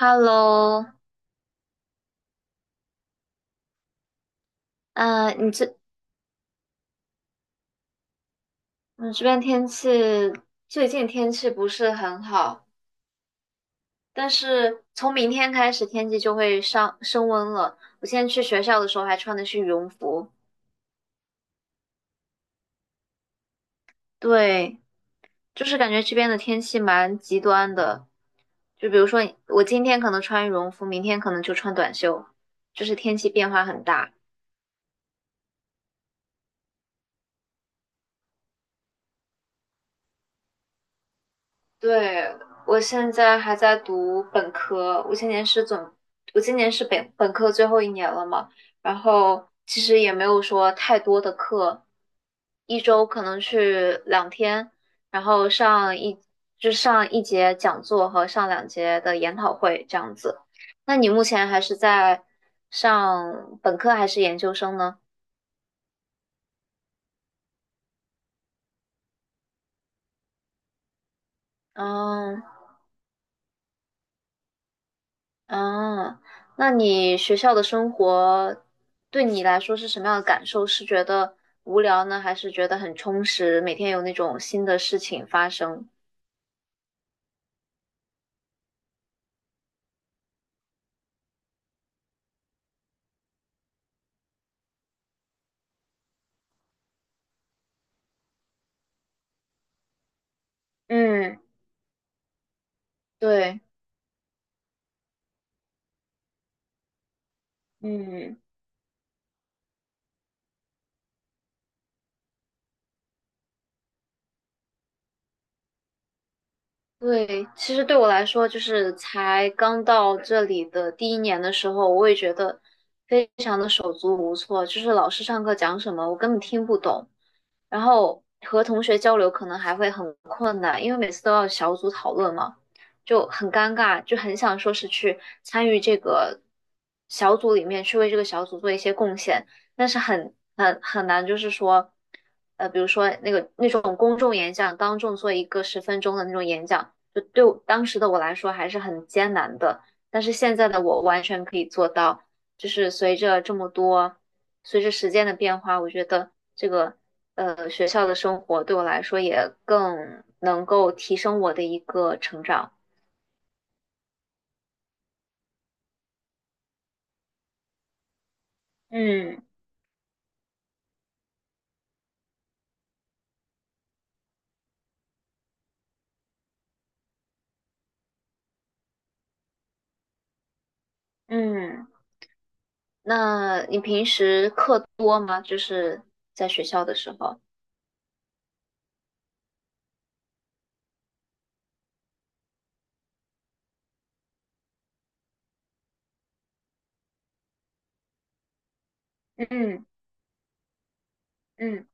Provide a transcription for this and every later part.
Hello，呃，你这你这边最近天气不是很好，但是从明天开始天气就会上升温了。我现在去学校的时候还穿的是羽绒服。对，就是感觉这边的天气蛮极端的，就比如说我今天可能穿羽绒服，明天可能就穿短袖，就是天气变化很大。对，我现在还在读本科，我今年是本科最后一年了嘛，然后其实也没有说太多的课，一周可能去两天，然后上一，就上一节讲座和上两节的研讨会这样子。那你目前还是在上本科还是研究生呢？嗯。啊，那你学校的生活对你来说是什么样的感受？是觉得无聊呢，还是觉得很充实？每天有那种新的事情发生？嗯，对，嗯。对，其实对我来说，就是才刚到这里的第一年的时候，我也觉得非常的手足无措，就是老师上课讲什么，我根本听不懂，然后和同学交流可能还会很困难，因为每次都要小组讨论嘛，就很尴尬，就很想说是去参与这个小组里面去为这个小组做一些贡献，但是很难，就是说，比如说那种公众演讲，当众做一个10分钟的那种演讲。就对我当时的我来说还是很艰难的。但是现在的我完全可以做到，就是随着这么多，随着时间的变化，我觉得这个学校的生活对我来说也更能够提升我的一个成长。嗯。嗯，那你平时课多吗？就是在学校的时候。嗯。嗯。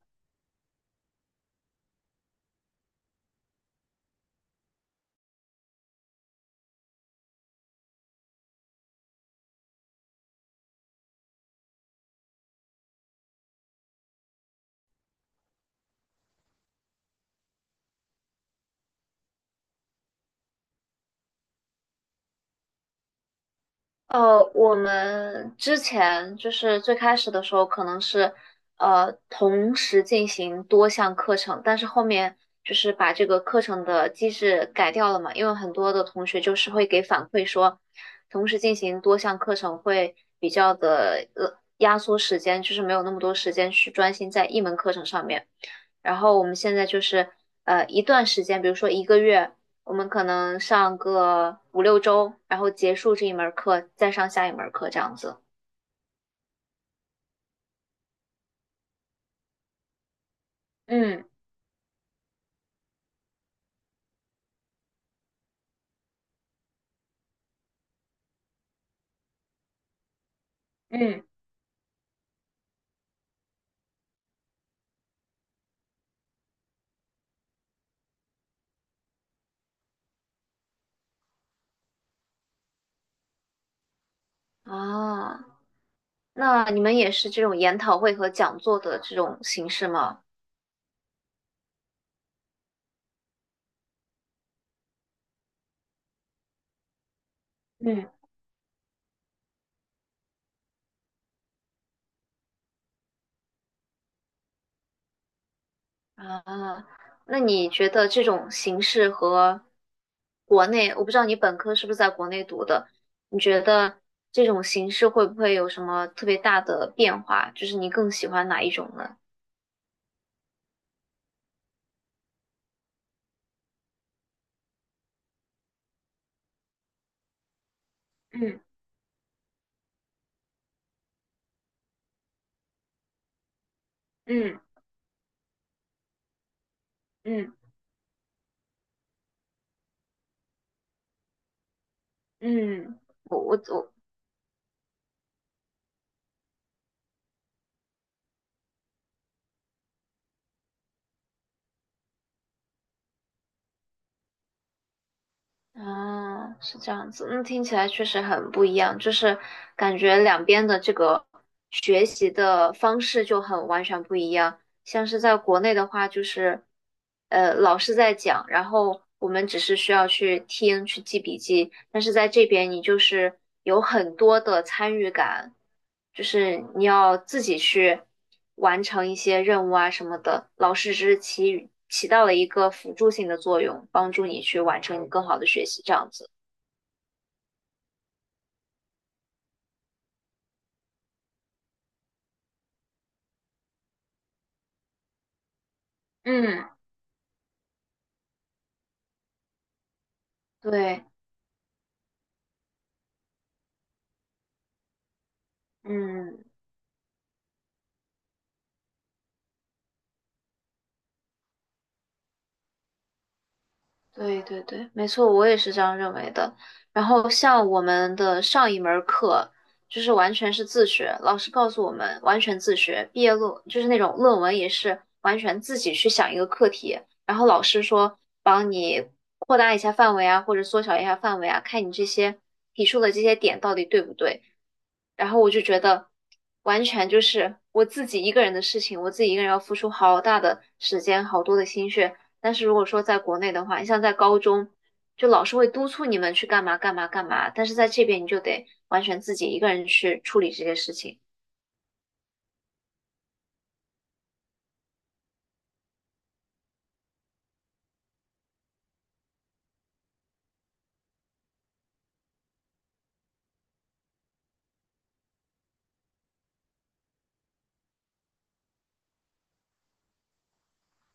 我们之前就是最开始的时候，可能是同时进行多项课程，但是后面就是把这个课程的机制改掉了嘛，因为很多的同学就是会给反馈说，同时进行多项课程会比较的压缩时间，就是没有那么多时间去专心在一门课程上面。然后我们现在就是一段时间，比如说一个月。我们可能上个五六周，然后结束这一门课，再上下一门课这样子。嗯。嗯，啊，那你们也是这种研讨会和讲座的这种形式吗？嗯。啊，那你觉得这种形式和国内，我不知道你本科是不是在国内读的，你觉得这种形式会不会有什么特别大的变化？就是你更喜欢哪一种呢？嗯。嗯。嗯。嗯，我啊，是这样子，那听起来确实很不一样，就是感觉两边的这个学习的方式就很完全不一样。像是在国内的话，就是老师在讲，然后我们只是需要去听去记笔记，但是在这边你就是有很多的参与感，就是你要自己去完成一些任务啊什么的，老师只是起到了一个辅助性的作用，帮助你去完成你更好的学习，这样子。嗯，对，嗯，对对对，没错，我也是这样认为的。然后像我们的上一门儿课，就是完全是自学，老师告诉我们完全自学，毕业论就是那种论文也是完全自己去想一个课题，然后老师说帮你扩大一下范围啊，或者缩小一下范围啊，看你这些提出的这些点到底对不对。然后我就觉得完全就是我自己一个人的事情，我自己一个人要付出好大的时间，好多的心血。但是如果说在国内的话，你像在高中，就老师会督促你们去干嘛干嘛干嘛，但是在这边你就得完全自己一个人去处理这些事情。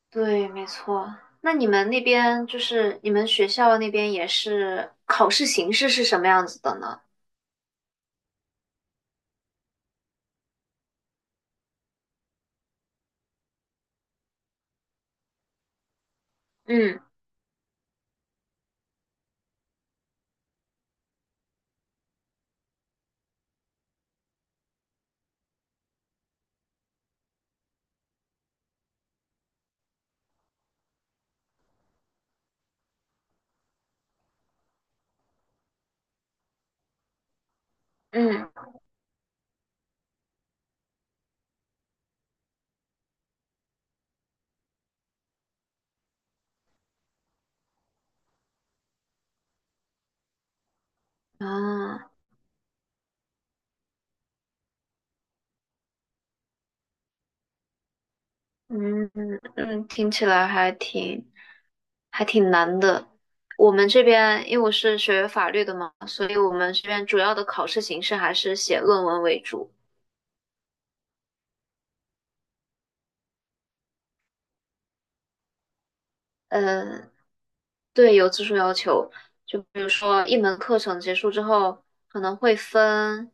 对，没错。那你们那边就是你们学校那边也是考试形式是什么样子的呢？嗯。嗯。啊。嗯。嗯，听起来还挺难的。我们这边因为我是学法律的嘛，所以我们这边主要的考试形式还是写论文为主。嗯，对，有字数要求，比如说一门课程结束之后，可能会分，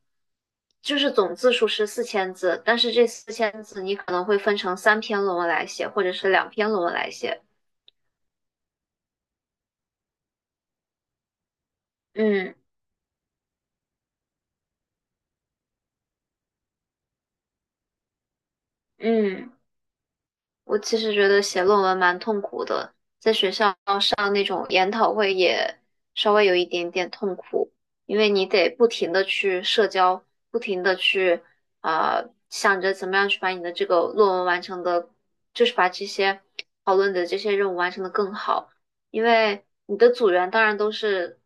就是总字数是四千字，但是这4000字你可能会分成三篇论文来写，或者是两篇论文来写。嗯。嗯。我其实觉得写论文蛮痛苦的，在学校上那种研讨会也稍微有一点点痛苦，因为你得不停的去社交，不停的去想着怎么样去把你的这个论文完成的，就是把这些讨论的这些任务完成的更好。因为你的组员当然都是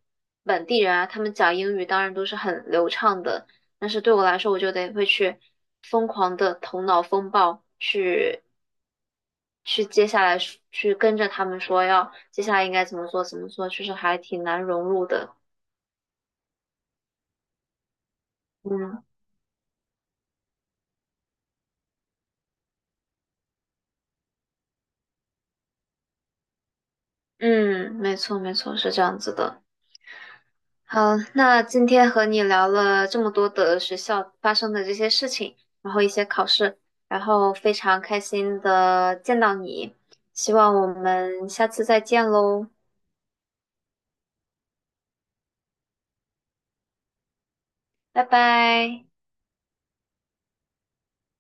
本地人啊，他们讲英语当然都是很流畅的，但是对我来说，我就得会去疯狂的头脑风暴去去接下来去跟着他们说要接下来应该怎么做怎么做，就是还挺难融入的。嗯。嗯，没错，是这样子的。好，那今天和你聊了这么多的学校发生的这些事情，然后一些考试，然后非常开心的见到你，希望我们下次再见喽，拜拜。